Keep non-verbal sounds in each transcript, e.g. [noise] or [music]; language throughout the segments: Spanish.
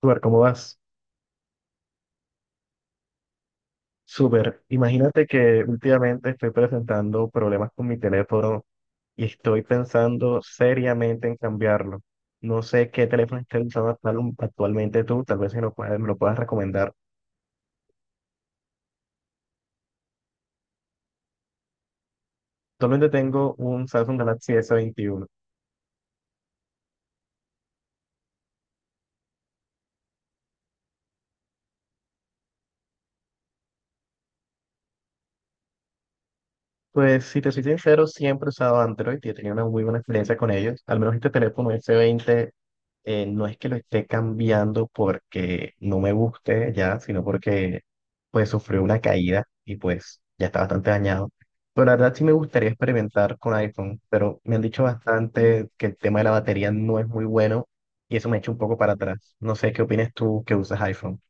Súper, ¿cómo vas? Súper. Imagínate que últimamente estoy presentando problemas con mi teléfono y estoy pensando seriamente en cambiarlo. No sé qué teléfono estás usando actualmente tú, tal vez si me lo puedas recomendar. Actualmente tengo un Samsung Galaxy s veintiuno. Pues si te soy sincero, siempre he usado Android y he tenido una muy buena experiencia con ellos. Al menos este teléfono s veinte. No es que lo esté cambiando porque no me guste ya, sino porque pues sufrió una caída y pues ya está bastante dañado. Pero la verdad sí me gustaría experimentar con iPhone, pero me han dicho bastante que el tema de la batería no es muy bueno y eso me echa un poco para atrás. No sé qué opinas tú que usas iPhone.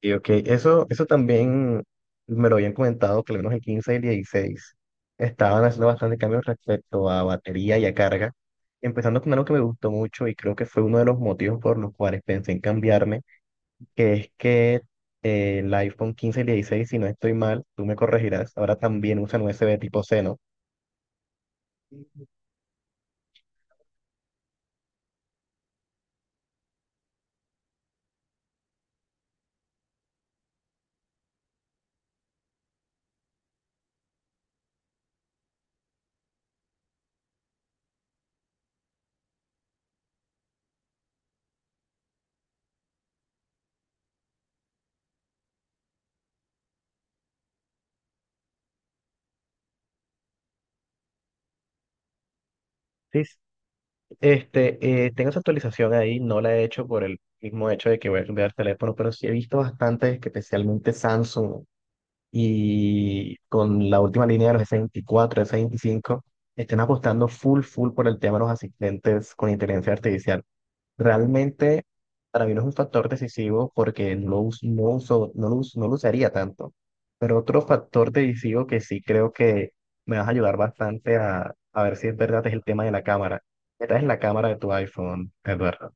Y ok, eso también me lo habían comentado, que al menos el 15 y el 16 estaban haciendo bastante cambios respecto a batería y a carga, empezando con algo que me gustó mucho y creo que fue uno de los motivos por los cuales pensé en cambiarme, que es que el iPhone 15 y el 16, si no estoy mal, tú me corregirás, ahora también usan USB tipo C, ¿no? Sí. Tengo esa actualización ahí, no la he hecho por el mismo hecho de que voy a cambiar el teléfono, pero sí he visto bastantes, que especialmente Samsung. Y con la última línea de los S24, S25, estén apostando full, full por el tema de los asistentes con inteligencia artificial. Realmente, para mí no es un factor decisivo porque no, us- no, uso, no, lo us- no lo usaría tanto. Pero otro factor decisivo que sí creo que me vas a ayudar bastante a ver si es verdad es el tema de la cámara. ¿Qué tal es la cámara de tu iPhone, Eduardo?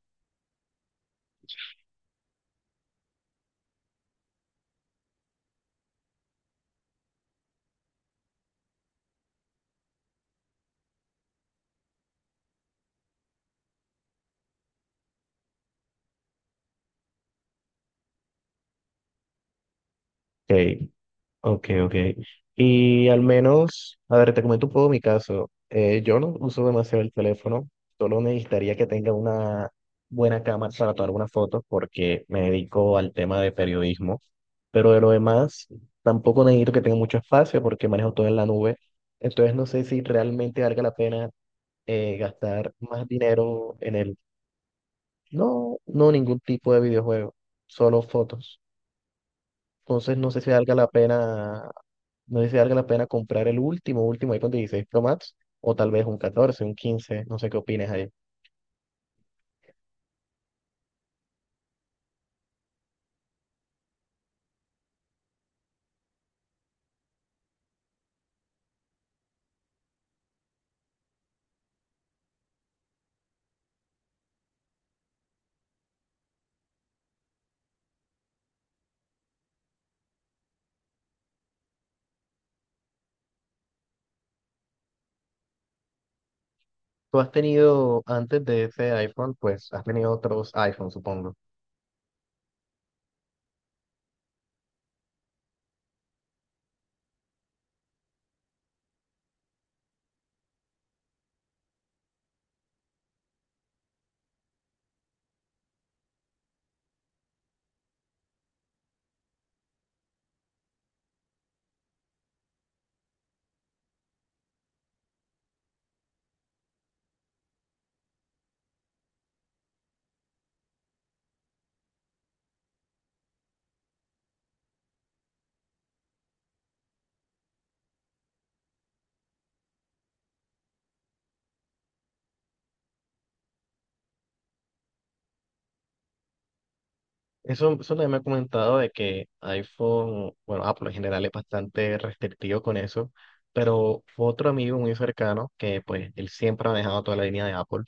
Ok, ok, ok. Y al menos, a ver, te comento un poco mi caso. Yo no uso demasiado el teléfono, solo necesitaría que tenga una buena cámara para tomar unas fotos porque me dedico al tema de periodismo. Pero de lo demás, tampoco necesito que tenga mucho espacio porque manejo todo en la nube. Entonces no sé si realmente valga la pena gastar más dinero en el... No, no ningún tipo de videojuego, solo fotos. Entonces no sé si valga la pena, no sé si valga la pena comprar el último, último iPhone 16 Pro Max o tal vez un 14, un 15, no sé qué opinas ahí. Tú has tenido antes de ese iPhone, pues has tenido otros iPhones, supongo. Eso también me ha comentado de que iPhone, bueno, Apple en general es bastante restrictivo con eso, pero otro amigo muy cercano, que pues él siempre ha manejado toda la línea de Apple,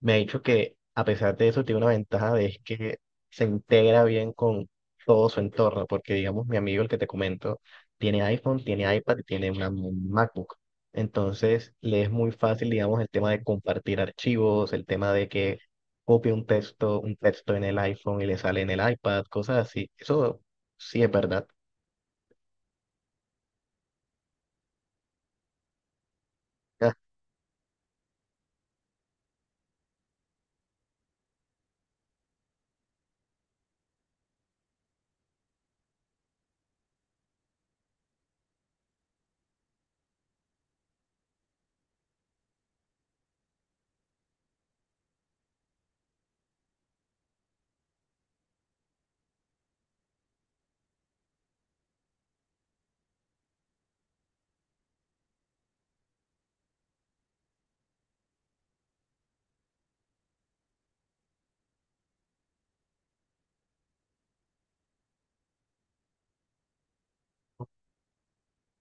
me ha dicho que a pesar de eso tiene una ventaja de es que se integra bien con todo su entorno, porque digamos mi amigo el que te comento tiene iPhone, tiene iPad y tiene una MacBook. Entonces le es muy fácil, digamos, el tema de compartir archivos, el tema de que copia un texto, en el iPhone y le sale en el iPad, cosas así. Eso sí es verdad. Ah,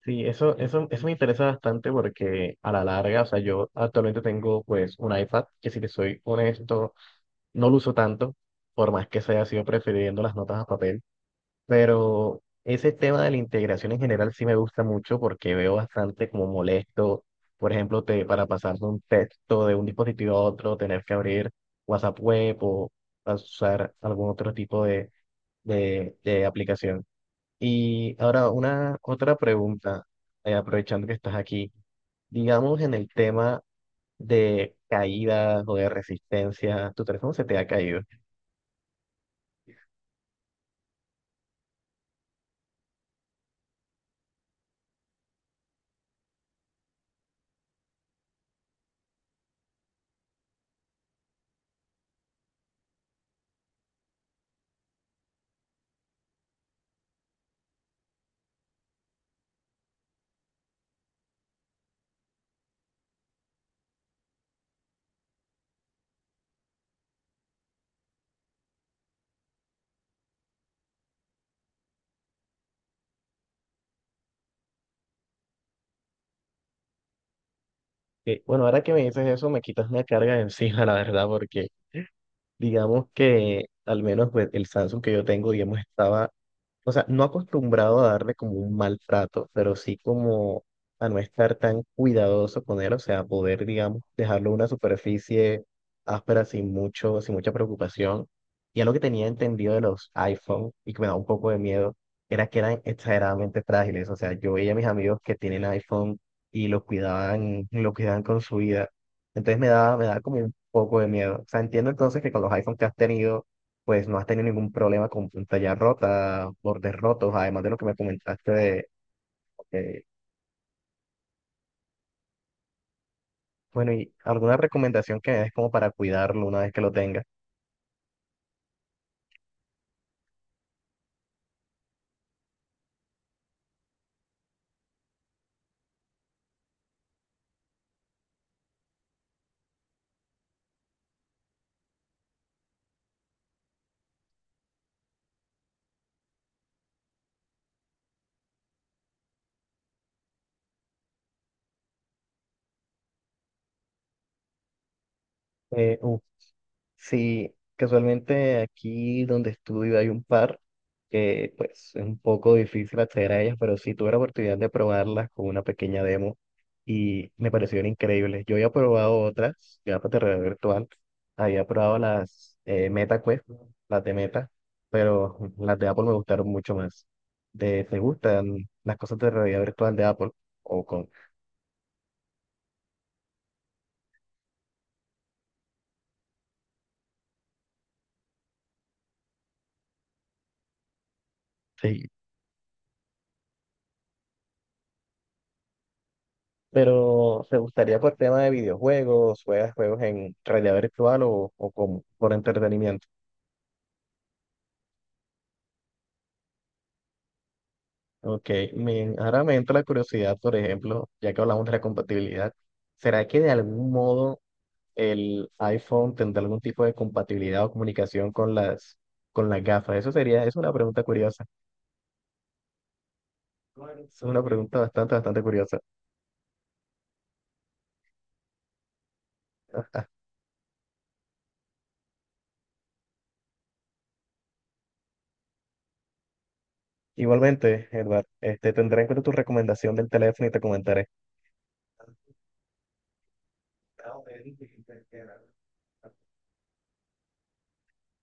sí, eso me interesa bastante porque a la larga, o sea, yo actualmente tengo pues un iPad que si te soy honesto, no lo uso tanto, por más que se haya sido prefiriendo las notas a papel. Pero ese tema de la integración en general sí me gusta mucho porque veo bastante como molesto, por ejemplo, para pasar de un texto de un dispositivo a otro, tener que abrir WhatsApp Web o usar algún otro tipo de aplicación. Y ahora una otra pregunta, aprovechando que estás aquí, digamos en el tema de caídas o de resistencia, tu teléfono se te ha caído. Bueno, ahora que me dices eso, me quitas una carga de encima, [laughs] la verdad, porque... Digamos que al menos pues, el Samsung que yo tengo, digamos, estaba, o sea, no acostumbrado a darle como un maltrato, pero sí como a no estar tan cuidadoso con él, o sea, poder, digamos, dejarlo en una superficie áspera sin mucho, sin mucha preocupación. Y algo que tenía entendido de los iPhone y que me da un poco de miedo era que eran exageradamente frágiles, o sea, yo veía a mis amigos que tienen iPhone y lo cuidaban con su vida. Entonces me daba como poco de miedo. O sea, entiendo entonces que con los iPhones que has tenido, pues no has tenido ningún problema con pantalla rota, bordes rotos, además de lo que me comentaste de... Ok. Bueno, ¿y alguna recomendación que me des como para cuidarlo una vez que lo tengas? Eh, uf, Sí, casualmente aquí donde estudio hay un par que pues es un poco difícil acceder a ellas, pero sí tuve la oportunidad de probarlas con una pequeña demo y me parecieron increíbles. Yo había probado otras, ya para realidad virtual, había probado las MetaQuest, las de Meta, pero las de Apple me gustaron mucho más. Te gustan las cosas de realidad virtual de Apple? O con... Sí. Pero, ¿te gustaría por tema de videojuegos? ¿Juegas juegos en realidad virtual o como, por entretenimiento? Ok, me, ahora me entra la curiosidad, por ejemplo, ya que hablamos de la compatibilidad, ¿será que de algún modo el iPhone tendrá algún tipo de compatibilidad o comunicación con las gafas? Eso sería, es una pregunta curiosa. Es una pregunta bastante, bastante curiosa. [laughs] Igualmente, Edward, este, tendré en cuenta tu recomendación del teléfono y te comentaré.